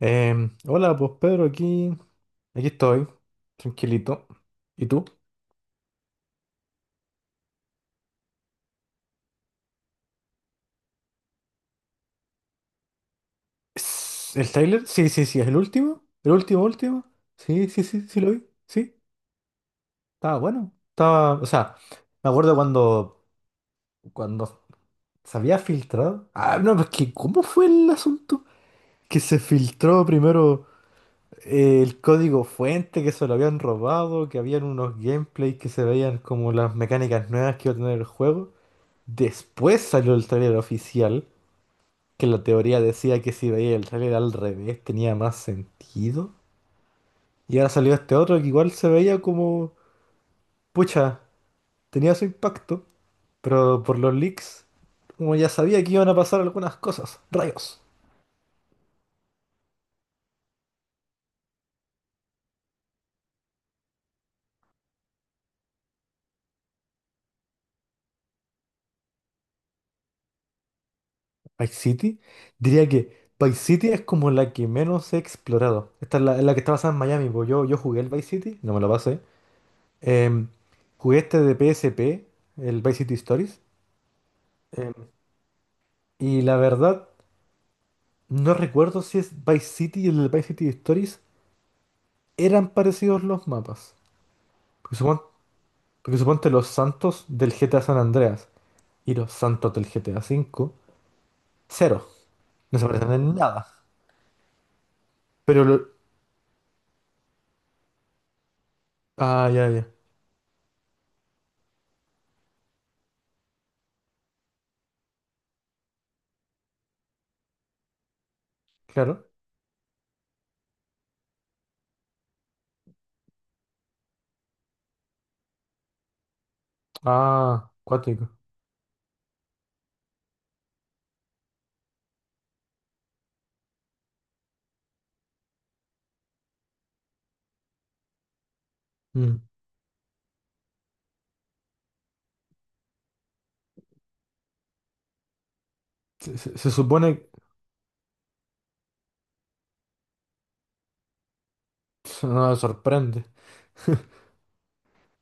Hola, pues Pedro, aquí, aquí estoy, tranquilito. ¿Y tú? ¿Es ¿el trailer? Sí, sí, sí, es el último. ¿El último, último? Sí, sí, sí, sí lo vi. Sí, estaba bueno. Estaba, o sea, me acuerdo cuando se había filtrado. Ah, no, pues que, ¿cómo fue el asunto? Que se filtró primero el código fuente, que se lo habían robado, que habían unos gameplays que se veían como las mecánicas nuevas que iba a tener el juego. Después salió el trailer oficial que la teoría decía que si veía el trailer al revés tenía más sentido. Y ahora salió este otro que igual se veía como, pucha, tenía su impacto, pero por los leaks, como ya sabía que iban a pasar algunas cosas, rayos. Vice City, diría que Vice City es como la que menos he explorado. Esta es la que está basada en Miami, porque yo jugué el Vice City, no me lo pasé. Em, Jugué este de PSP, el Vice City Stories. em, y la verdad... No recuerdo si es Vice City y el de Vice City Stories eran parecidos los mapas. Porque, suponte los santos del GTA San Andreas y los santos del GTA V, cero. No se parecen en nada. Pero lo- Ah, ya, ya. Claro. Ah, cuático. Mm. Se supone... No me sorprende.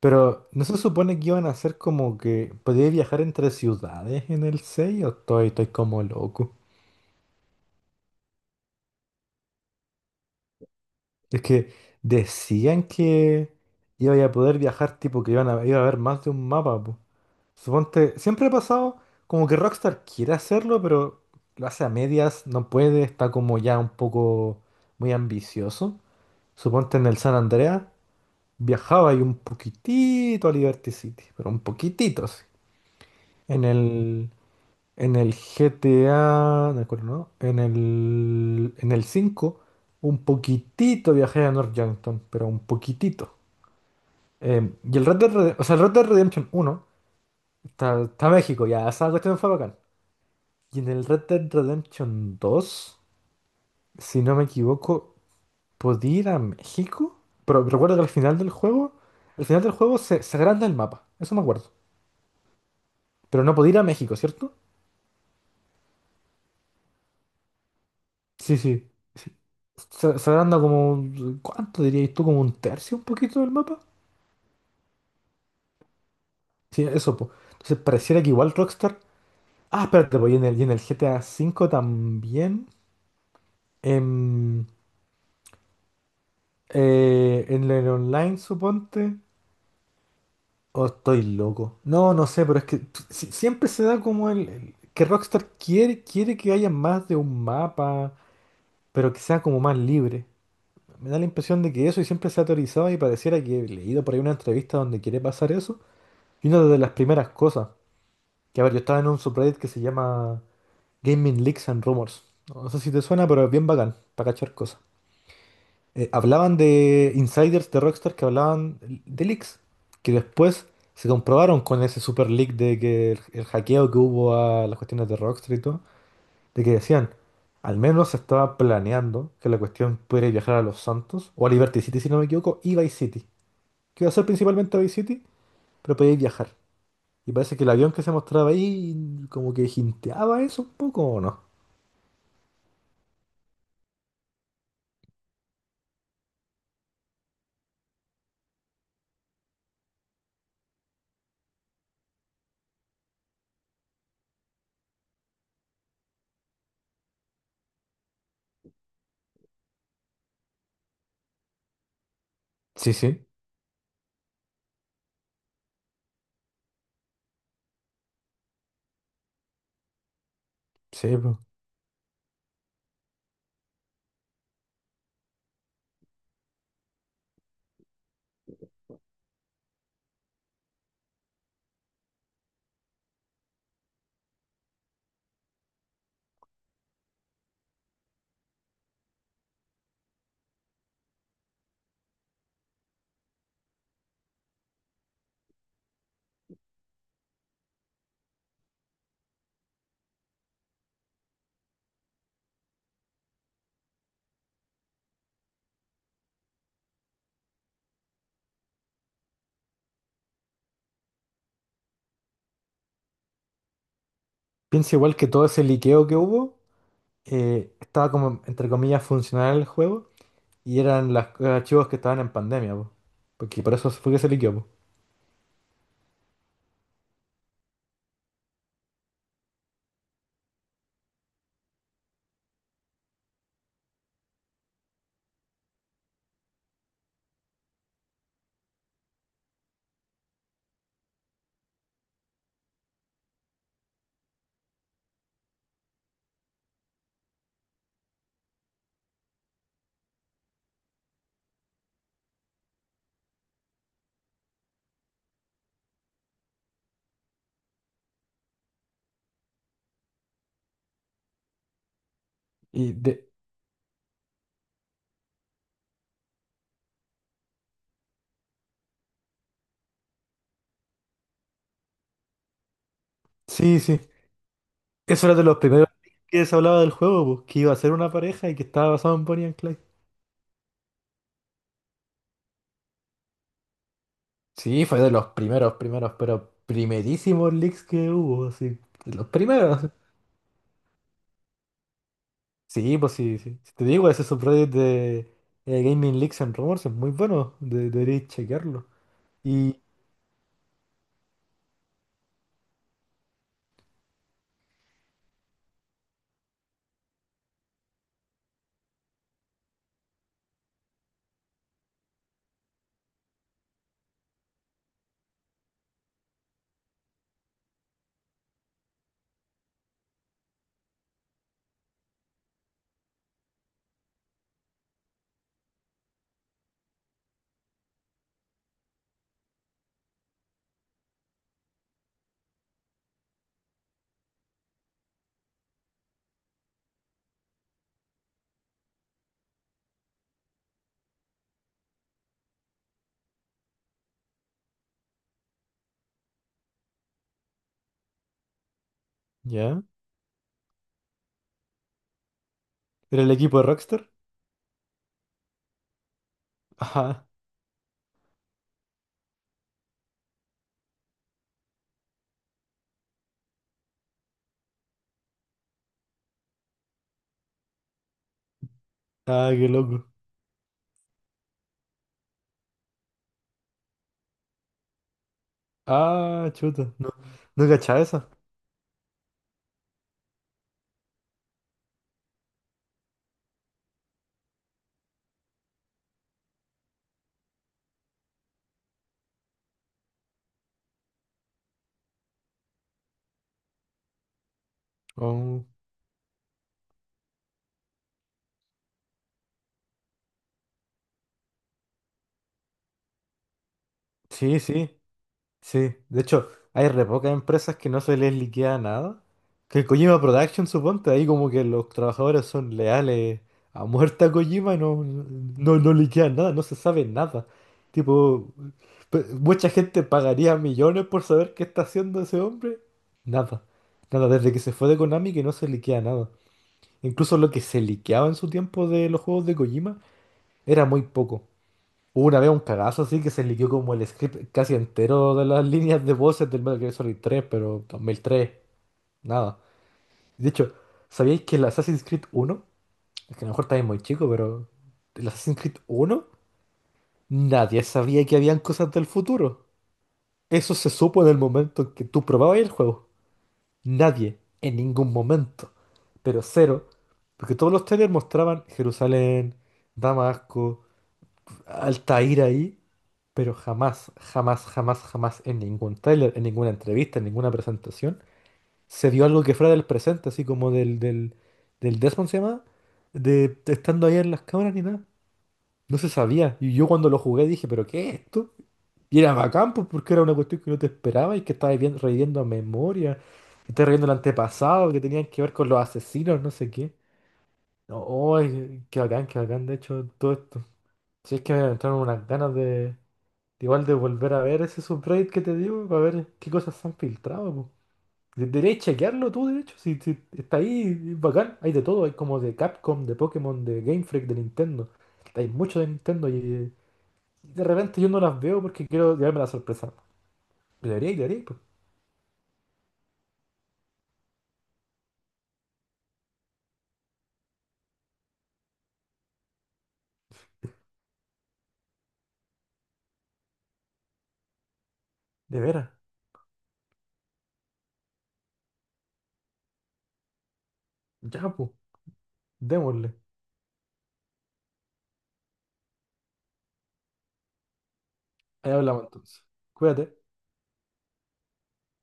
Pero ¿no se supone que iban a hacer como que podía viajar entre ciudades en el 6 o estoy como loco? Es que decían que iba a poder viajar, tipo que iba a haber más de un mapa, po. Suponte, siempre ha pasado como que Rockstar quiere hacerlo, pero lo hace a medias, no puede, está como ya un poco muy ambicioso. Suponte en el San Andreas viajaba y un poquitito a Liberty City, pero un poquitito, sí. En el en el GTA, de acuerdo, ¿no? En el 5 un poquitito viajé a North Yankton, pero un poquitito. Y el Red Dead Redemption, o sea, el Red Dead Redemption uno está México, ya, esa cuestión fue bacán. Y en el Red Dead Redemption dos, si no me equivoco, podía ir a México. Pero recuerdo que al final del juego, al final del juego se agranda el mapa, eso me acuerdo. Pero no podía ir a México, ¿cierto? Sí, sí. Se agranda como, ¿cuánto dirías tú? Como un tercio, un poquito del mapa. Sí, eso, pues. Entonces pareciera que igual Rockstar. Ah, espérate, pues, y en el GTA V también. em, en el online, suponte. O estoy loco. No, no sé, pero es que siempre se da como que Rockstar quiere que haya más de un mapa, pero que sea como más libre. Me da la impresión de que eso y siempre se ha teorizado y pareciera que he leído por ahí una entrevista donde quiere pasar eso. Y una de las primeras cosas, que a ver, yo estaba en un subreddit que se llama Gaming Leaks and Rumors. No sé si te suena, pero es bien bacán, para cachar cosas. Hablaban de insiders de Rockstar que hablaban de leaks, que después se comprobaron con ese super leak de que el hackeo que hubo a las cuestiones de Rockstar y todo, de que decían, al menos se estaba planeando que la cuestión pudiera viajar a Los Santos, o a Liberty City si no me equivoco, y Vice City. Que iba a ser principalmente a Vice City, pero podía viajar. Y parece que el avión que se mostraba ahí como que jinteaba eso un poco, ¿o no? Sí, sí, sí, po. Piensa igual que todo ese liqueo que hubo, estaba como, entre comillas, funcional el juego y eran los archivos que estaban en pandemia, po. Porque por eso fue que se liqueó, po. Y de... Sí, sí. Eso era de los primeros que se hablaba del juego, po, que iba a ser una pareja y que estaba basado en Bonnie and Clyde. Sí, fue de los primeros, primeros, pero primerísimos leaks que hubo, así. De los primeros. Sí, pues sí, sí. Si te digo, ese subreddit de Gaming Leaks and Rumors es muy bueno. Deberíais chequearlo. Y ya. ¿Era el equipo de Rockstar? Ajá. Ah, qué loco. Ah, chuta. No, no cachaba esa. Oh. Sí, sí. Sí, de hecho, hay re pocas empresas que no se les liquida nada. Que Kojima Production, suponte, ahí como que los trabajadores son leales a muerte a Kojima y no liquidan nada, no se sabe nada. Tipo, mucha gente pagaría millones por saber qué está haciendo ese hombre. Nada, nada, desde que se fue de Konami que no se liquida nada. Incluso lo que se liqueaba en su tiempo de los juegos de Kojima era muy poco. Hubo una vez un cagazo así que se liquidó como el script casi entero de las líneas de voces del Metal Gear Solid 3, pero 2003, nada. De hecho, ¿sabíais que el Assassin's Creed uno, es que a lo mejor estáis muy chico, pero el Assassin's Creed uno, nadie sabía que habían cosas del futuro? Eso se supo en el momento en que tú probabas el juego. Nadie, en ningún momento. Pero cero, porque todos los trailers mostraban Jerusalén, Damasco, Altair ahí, pero jamás en ningún tráiler, en ninguna entrevista, en ninguna presentación, se vio algo que fuera del presente, así como del Desmond se llama, de estando ahí en las cámaras ni nada. No se sabía. Y yo cuando lo jugué dije, ¿pero qué es esto? Y era bacán, pues, porque era una cuestión que no te esperaba y que estaba reviviendo, reviviendo a memoria, y estaba reviviendo el antepasado, que tenían que ver con los asesinos, no sé qué. No, oh, qué bacán, de hecho, todo esto. Si es que me entraron unas ganas de. Igual de volver a ver ese subreddit que te digo, para ver qué cosas se han filtrado, po. Deberías chequearlo tú, de hecho, si está ahí, es bacán. Hay de todo, hay como de Capcom, de Pokémon, de Game Freak, de Nintendo. Hay mucho de Nintendo y de repente yo no las veo porque quiero llevarme la sorpresa. Debería, debería, po. De veras. Ya, pues. Démosle. Ahí hablamos entonces. Cuídate.